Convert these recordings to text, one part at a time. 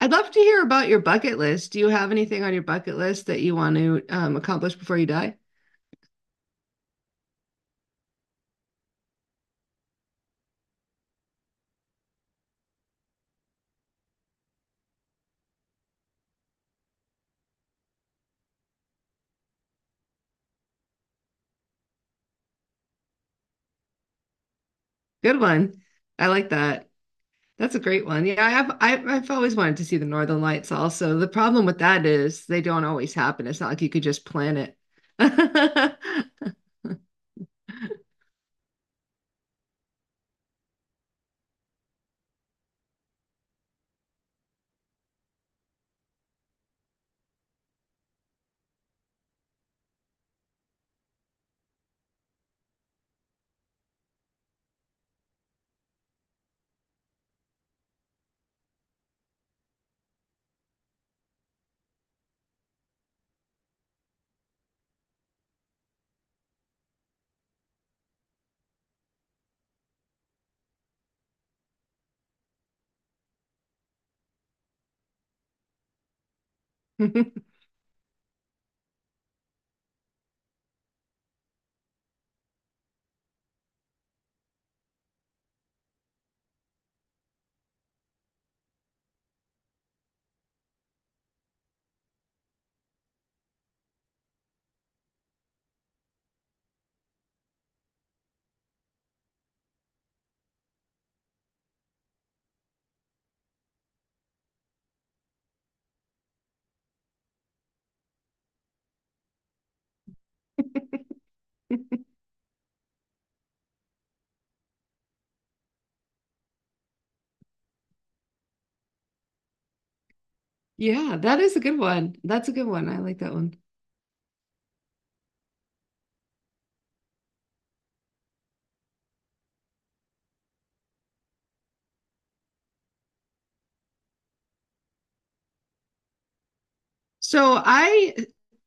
I'd love to hear about your bucket list. Do you have anything on your bucket list that you want to accomplish before you die? Good one. I like that. That's a great one. Yeah, I've always wanted to see the Northern Lights also. The problem with that is they don't always happen. It's not like you could just plan it. Yeah, that is a good one. That's a good one. I like that one. So I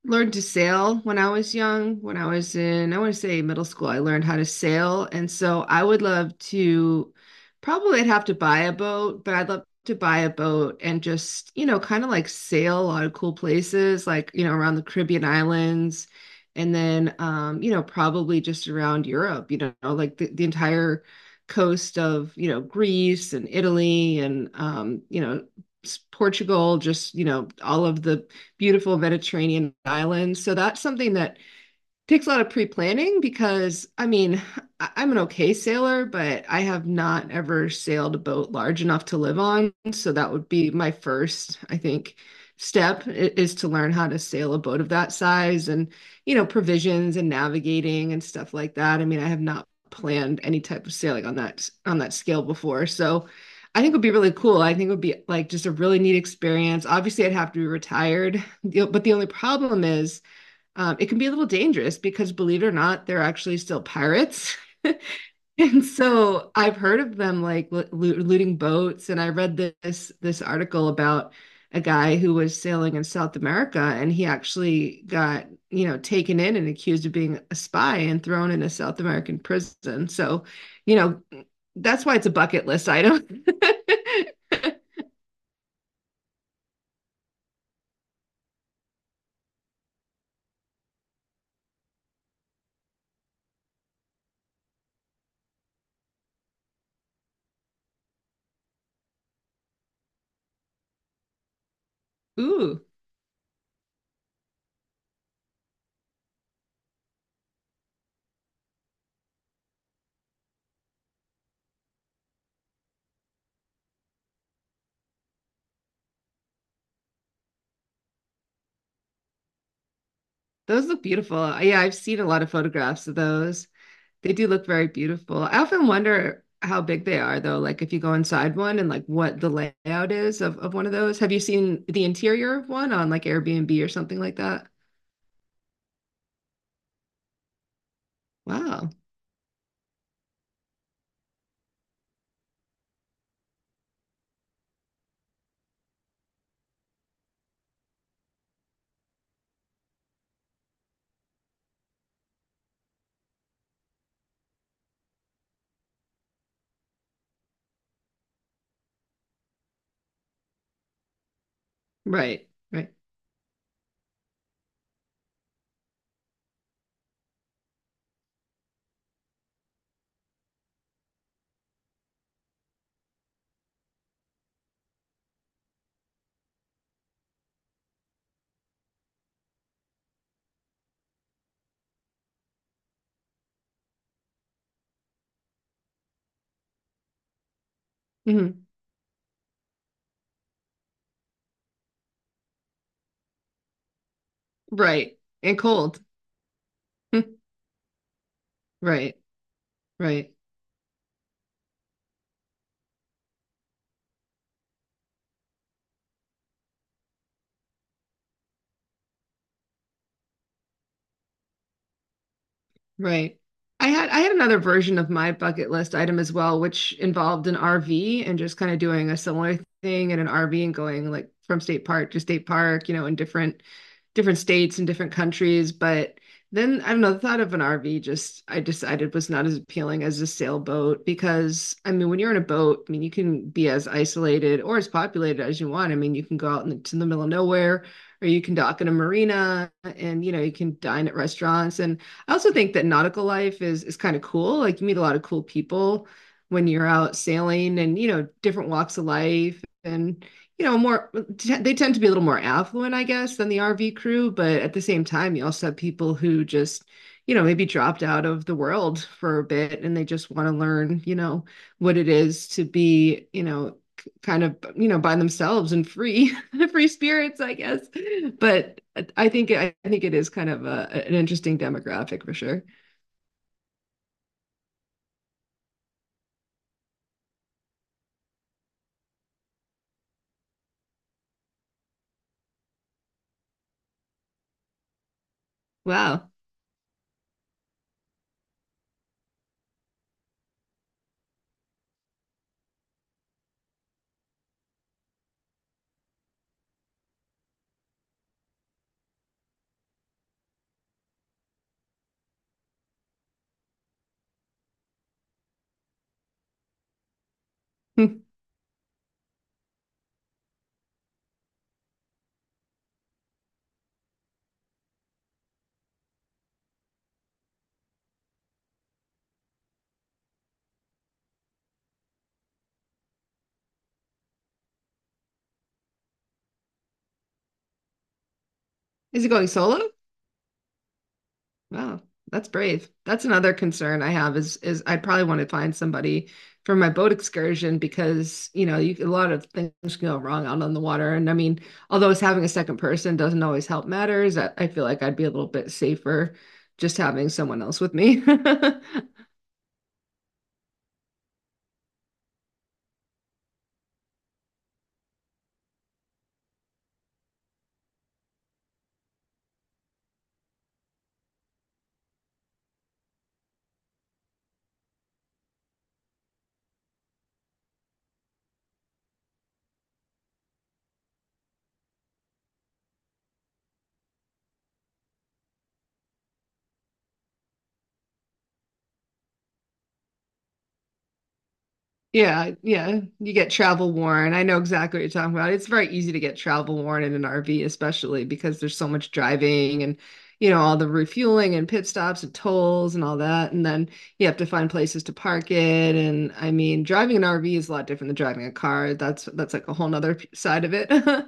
learned to sail when I was young. When I was in, I want to say middle school, I learned how to sail. And so I would love to, probably I'd have to buy a boat, but I'd love to buy a boat and just, you know, kind of like sail a lot of cool places, like, you know, around the Caribbean islands. And then, you know, probably just around Europe, you know, like the entire coast of, you know, Greece and Italy and, you know, Portugal, just, you know, all of the beautiful Mediterranean islands. So that's something that takes a lot of pre-planning because I mean, I'm an okay sailor, but I have not ever sailed a boat large enough to live on. So that would be my first, I think, step is to learn how to sail a boat of that size and, you know, provisions and navigating and stuff like that. I mean, I have not planned any type of sailing on that scale before. So I think it would be really cool. I think it would be like just a really neat experience. Obviously, I'd have to be retired. But the only problem is it can be a little dangerous because, believe it or not, they're actually still pirates. And so I've heard of them like looting boats, and I read this article about a guy who was sailing in South America, and he actually got, you know, taken in and accused of being a spy and thrown in a South American prison. So, you know, that's why it's a bucket list item. Ooh, those look beautiful. Yeah, I've seen a lot of photographs of those. They do look very beautiful. I often wonder how big they are, though, like if you go inside one and like what the layout is of one of those. Have you seen the interior of one on like Airbnb or something like that? Wow. Right. Right. Hmm. Right. And cold. Right. Right. Right. I had another version of my bucket list item as well, which involved an RV and just kind of doing a similar thing in an RV and going like from state park to state park, you know, in different states and different countries. But then I don't know, the thought of an RV just I decided was not as appealing as a sailboat, because I mean when you're in a boat, I mean you can be as isolated or as populated as you want. I mean you can go out into the middle of nowhere or you can dock in a marina and you know you can dine at restaurants, and I also think that nautical life is kind of cool. Like you meet a lot of cool people when you're out sailing, and you know different walks of life and you know more they tend to be a little more affluent, I guess, than the RV crew, but at the same time you also have people who just you know maybe dropped out of the world for a bit and they just want to learn, you know, what it is to be, you know, kind of, you know, by themselves and free free spirits, I guess. But I think it is kind of a, an interesting demographic for sure. Wow. Is he going solo? Wow, that's brave. That's another concern I have is I'd probably want to find somebody for my boat excursion because, you know, you a lot of things can go wrong out on the water. And I mean, although it's having a second person doesn't always help matters, I feel like I'd be a little bit safer just having someone else with me. I. Yeah, yeah. You get travel worn. I know exactly what you're talking about. It's very easy to get travel worn in an RV, especially because there's so much driving and, you know, all the refueling and pit stops and tolls and all that. And then you have to find places to park it. And I mean, driving an RV is a lot different than driving a car. That's like a whole nother side of it.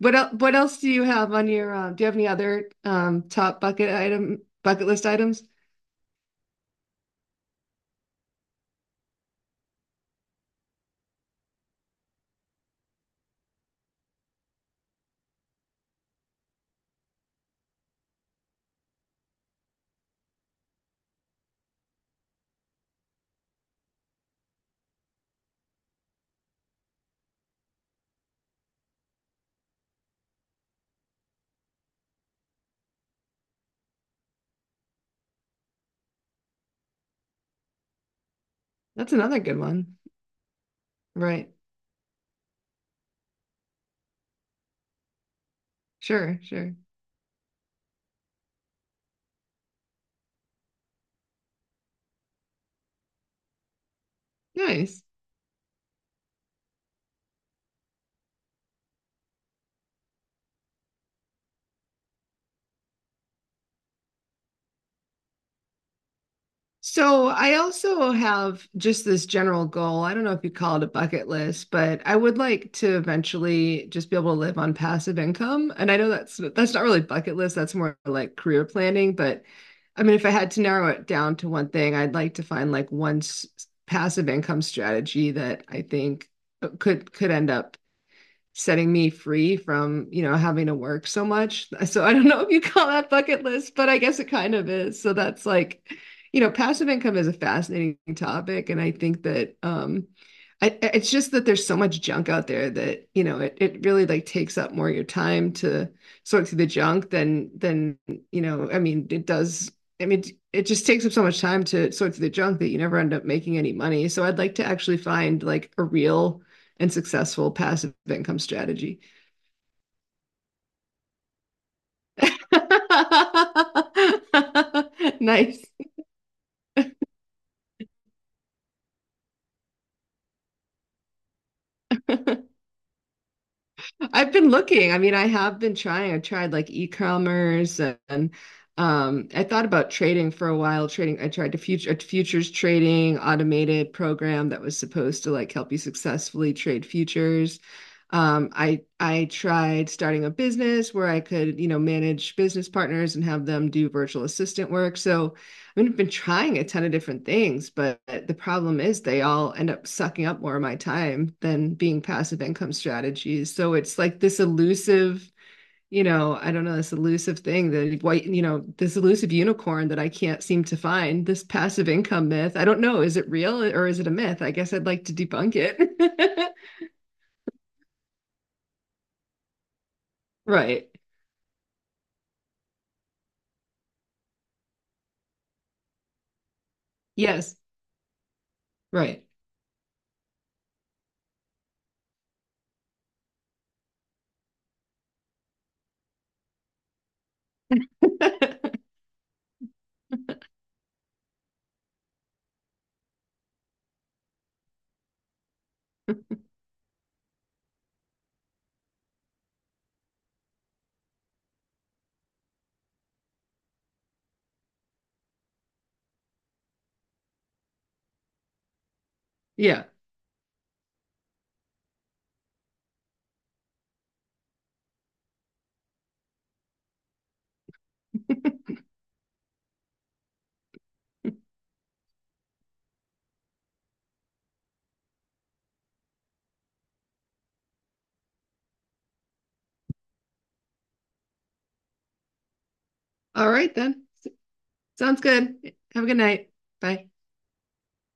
What else do you have on your, do you have any other top bucket item, bucket list items? That's another good one. Right. Sure, sure. Nice. So I also have just this general goal. I don't know if you call it a bucket list, but I would like to eventually just be able to live on passive income. And I know that's not really bucket list, that's more like career planning, but I mean if I had to narrow it down to one thing, I'd like to find like one passive income strategy that I think could end up setting me free from, you know, having to work so much. So I don't know if you call that bucket list, but I guess it kind of is. So that's like, you know, passive income is a fascinating topic. And I think that I, it's just that there's so much junk out there that, you know, it really like takes up more of your time to sort through the junk than you know, I mean, it does I mean, it just takes up so much time to sort through the junk that you never end up making any money. So I'd like to actually find like a real and successful passive income strategy. Nice. I've been looking. I mean, I have been trying. I tried like e-commerce and I thought about trading for a while. Trading, I tried to futures trading automated program that was supposed to like help you successfully trade futures. I tried starting a business where I could, you know, manage business partners and have them do virtual assistant work. So I mean, I've been trying a ton of different things, but the problem is they all end up sucking up more of my time than being passive income strategies. So it's like this elusive, you know, I don't know, this elusive thing that white, you know, this elusive unicorn that I can't seem to find, this passive income myth. I don't know, is it real or is it a myth? I guess I'd like to debunk it. Right. Yes. Right. Yeah. All right then. Sounds good. Have a good night. Bye.